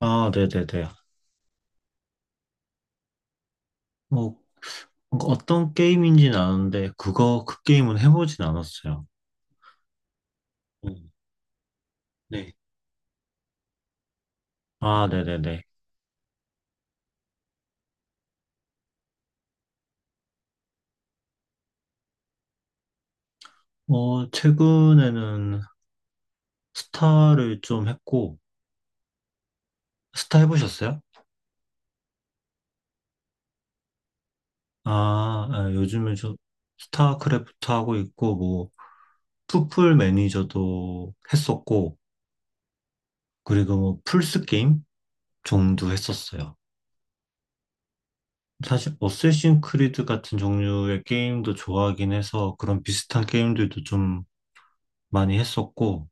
아, 네네네. 뭐, 어떤 게임인지는 아는데, 그 게임은 해보진 않았어요. 음, 네. 아, 네네네. 어, 최근에는 스타를 좀 했고, 스타 해보셨어요? 요즘에 좀 스타크래프트 하고 있고, 뭐, 풋풀 매니저도 했었고, 그리고 뭐, 플스 게임 정도 했었어요. 사실, 어쌔신 크리드 같은 종류의 게임도 좋아하긴 해서, 그런 비슷한 게임들도 좀 많이 했었고,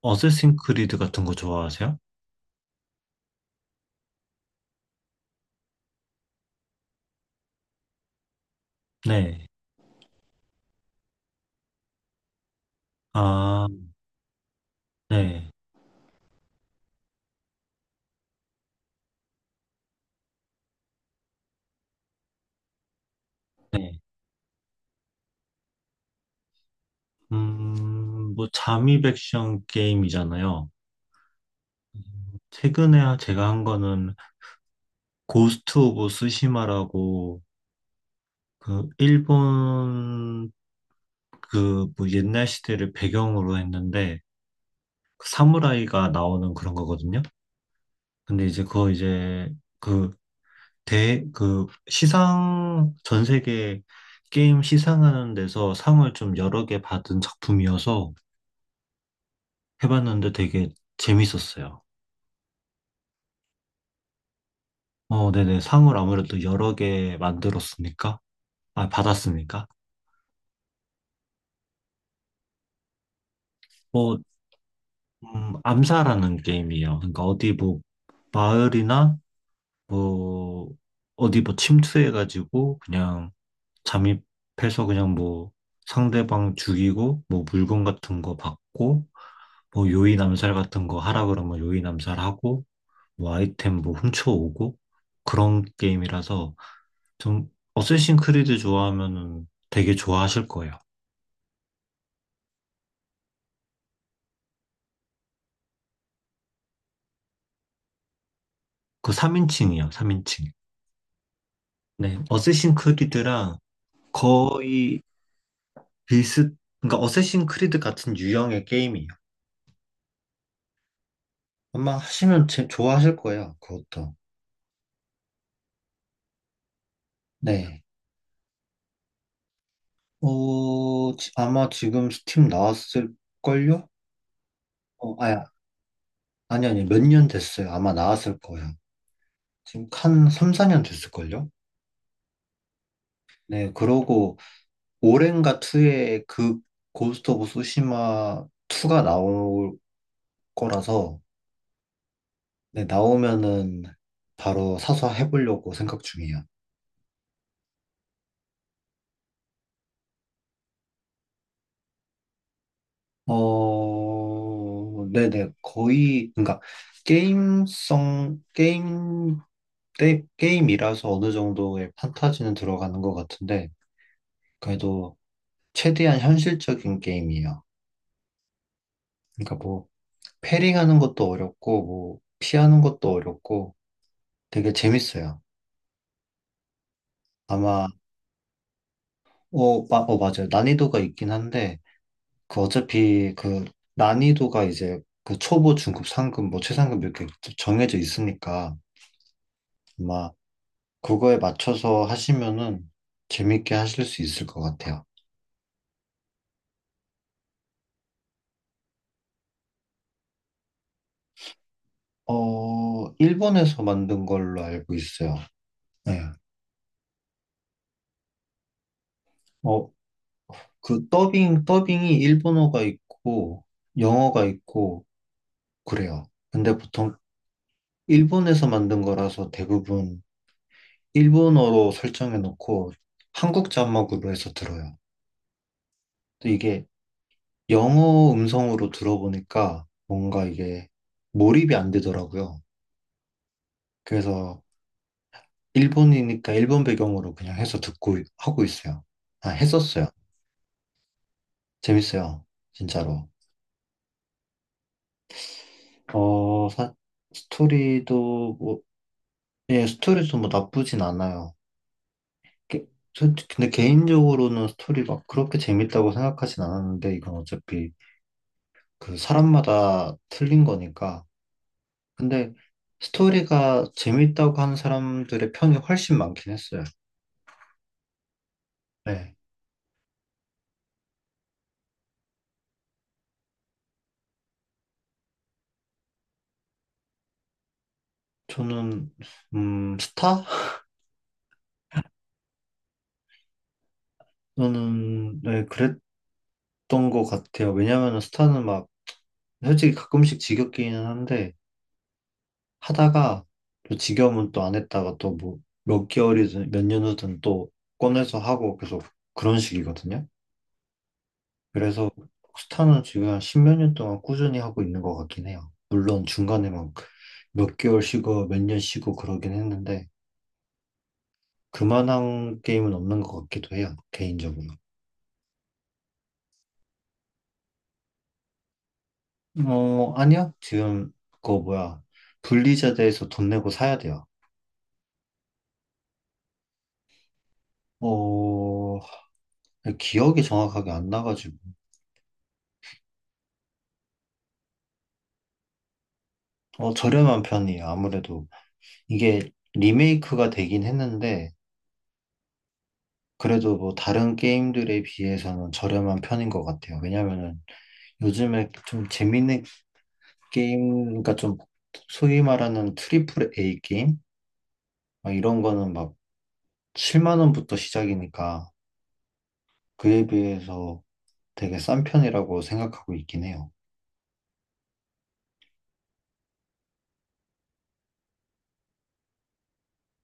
어쌔신 크리드 같은 거 좋아하세요? 네. 아, 네. 네. 뭐, 잠입 액션 게임이잖아요. 음, 최근에 제가 한 거는 고스트 오브 스시마라고 그 일본 그 뭐 옛날 시대를 배경으로 했는데 그 사무라이가 나오는 그런 거거든요. 근데 이제 그거 이제 그 시상, 전 세계 게임 시상하는 데서 상을 좀 여러 개 받은 작품이어서 해봤는데 되게 재밌었어요. 어, 네네. 상을 아무래도 여러 개 만들었으니까, 아, 받았으니까. 뭐, 암사라는 게임이에요. 그러니까 어디 뭐, 마을이나 뭐, 어디 뭐 침투해가지고 그냥 잠입해서 그냥 뭐, 상대방 죽이고, 뭐 물건 같은 거 받고, 뭐 요인 암살 같은 거 하라 그러면 요인 암살하고 뭐 아이템 뭐 훔쳐오고 그런 게임이라서 좀 어쌔신 크리드 좋아하면은 되게 좋아하실 거예요. 그 3인칭이요, 3인칭. 네, 어쌔신 크리드랑 거의 비슷, 그러니까 어쌔신 크리드 같은 유형의 게임이에요. 아마 하시면 좋아하실 거예요, 그것도. 네. 어, 아마 지금 스팀 나왔을걸요? 어, 아, 아니, 몇 년 됐어요. 아마 나왔을 거예요. 지금 한 3, 4년 됐을걸요? 네, 그러고 오렌가 2에 그 고스트 오브 소시마 2가 나올 거라서 네, 나오면은 바로 사서 해보려고 생각 중이에요. 어, 네네, 거의, 그러니까 게임성, 게임, 때 게임이라서 어느 정도의 판타지는 들어가는 것 같은데 그래도 최대한 현실적인 게임이에요. 그러니까 뭐, 패링하는 것도 어렵고, 뭐, 피하는 것도 어렵고, 되게 재밌어요. 아마, 맞아요. 난이도가 있긴 한데, 그 어차피 그 난이도가 이제 그 초보, 중급, 상급, 뭐 최상급 이렇게 정해져 있으니까, 아마 그거에 맞춰서 하시면은 재밌게 하실 수 있을 것 같아요. 어, 일본에서 만든 걸로 알고 있어요. 네. 어, 그 더빙이 일본어가 있고, 영어가 있고, 그래요. 근데 보통 일본에서 만든 거라서 대부분 일본어로 설정해 놓고 한국 자막으로 해서 들어요. 또 이게 영어 음성으로 들어보니까 뭔가 이게 몰입이 안 되더라고요. 그래서 일본이니까 일본 배경으로 그냥 해서 하고 있어요. 아, 했었어요. 재밌어요. 진짜로. 어, 스토리도 뭐, 예, 스토리도 뭐 나쁘진 않아요. 게- 근데 개인적으로는 스토리 막 그렇게 재밌다고 생각하진 않았는데, 이건 어차피 그 사람마다 틀린 거니까. 근데 스토리가 재밌다고 하는 사람들의 편이 훨씬 많긴 했어요. 네. 저는, 스타? 저는, 네, 그랬던 것 같아요. 왜냐면은 스타는 막, 솔직히 가끔씩 지겹기는 한데, 하다가 또 지겨우면 또 안 했다가 또 뭐, 몇 개월이든 몇 년 후든 또 꺼내서 하고 계속 그런 식이거든요. 그래서 스타는 지금 한 십몇 년 동안 꾸준히 하고 있는 것 같긴 해요. 물론 중간에 막 몇 개월 쉬고 몇 년 쉬고 그러긴 했는데 그만한 게임은 없는 것 같기도 해요, 개인적으로. 어, 아니요. 지금 그거 뭐야. 블리자드에서 돈 내고 사야 돼요. 어, 기억이 정확하게 안 나가지고. 어, 저렴한 편이에요. 아무래도 이게 리메이크가 되긴 했는데 그래도 뭐 다른 게임들에 비해서는 저렴한 편인 것 같아요. 왜냐면은 요즘에 좀 재밌는 그러니까 좀 소위 말하는 트리플 A 게임? 막 이런 거는 막 7만 원부터 시작이니까 그에 비해서 되게 싼 편이라고 생각하고 있긴 해요.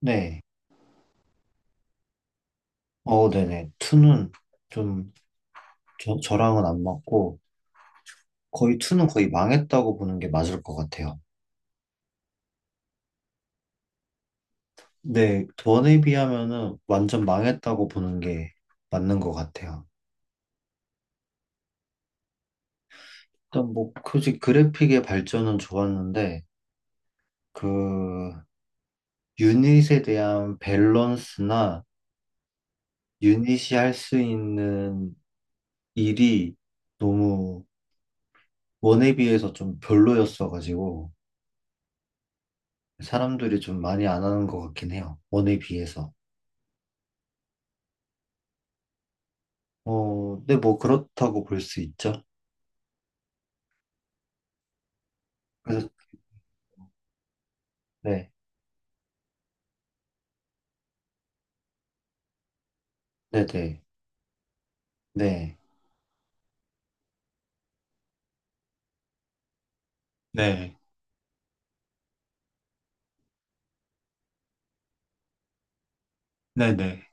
네. 어, 네네. 2는 좀 저랑은 안 맞고 거의 2는 거의 망했다고 보는 게 맞을 것 같아요. 네. 1에 비하면은 완전 망했다고 보는 게 맞는 것 같아요. 일단 뭐, 굳이 그래픽의 발전은 좋았는데 그 유닛에 대한 밸런스나 유닛이 할 수 있는 일이 너무 원에 비해서 좀 별로였어가지고 사람들이 좀 많이 안 하는 것 같긴 해요. 원에 비해서. 어, 근데 뭐 그렇다고 볼 수 있죠. 그래서 네, 네, 네, 네, 네, 네, 네.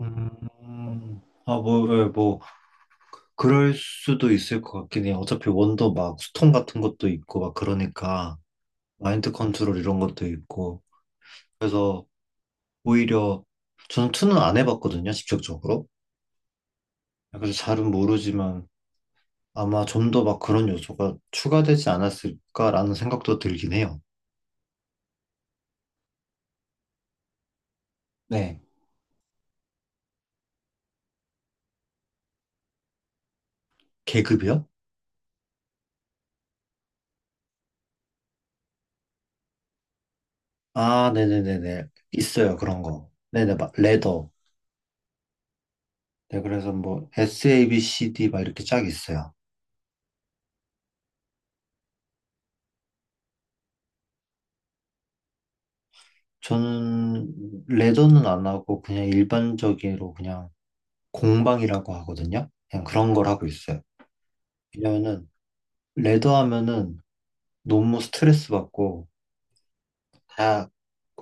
아, 뭐, 예, 뭐, 그럴 수도 있을 것 같긴 해요. 어차피 원도 막 수통 같은 것도 있고, 막 그러니까, 마인드 컨트롤 이런 것도 있고. 그래서 오히려 저는 투는 안 해봤거든요, 직접적으로. 그래서 잘은 모르지만 아마 좀 더 막 그런 요소가 추가되지 않았을까라는 생각도 들긴 해요. 네. 계급이요? 아, 네네네네. 있어요, 그런 거. 네네, 막, 레더. 네, 그래서 뭐, S, A, B, C, D 막 이렇게 쫙 있어요. 저는 레더는 안 하고 그냥 일반적으로 그냥 공방이라고 하거든요. 그냥 그런 걸 하고 있어요. 왜냐면은, 레더 하면은 너무 스트레스 받고 다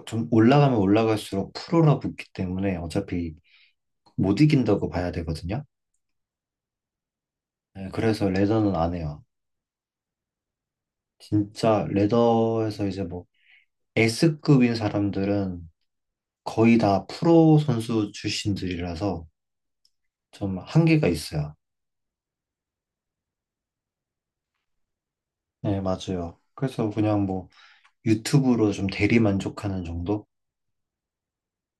좀 올라가면 올라갈수록 프로라 붙기 때문에 어차피 못 이긴다고 봐야 되거든요. 네, 그래서 레더는 안 해요. 진짜 레더에서 이제 뭐 S급인 사람들은 거의 다 프로 선수 출신들이라서 좀 한계가 있어요. 네, 맞아요. 그래서 그냥 뭐 유튜브로 좀 대리 만족하는 정도?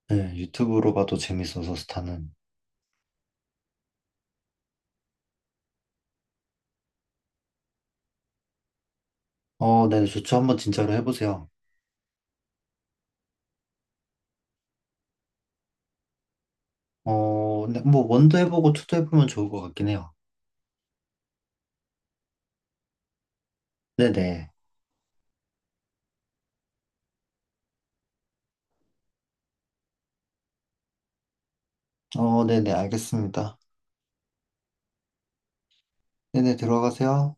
네, 유튜브로 봐도 재밌어서 스타는. 어, 네, 좋죠. 한번 진짜로 해보세요. 어, 근데 뭐 원도 해보고 투도 해보면 좋을 것 같긴 해요. 네네. 어, 네네, 알겠습니다. 네네, 들어가세요.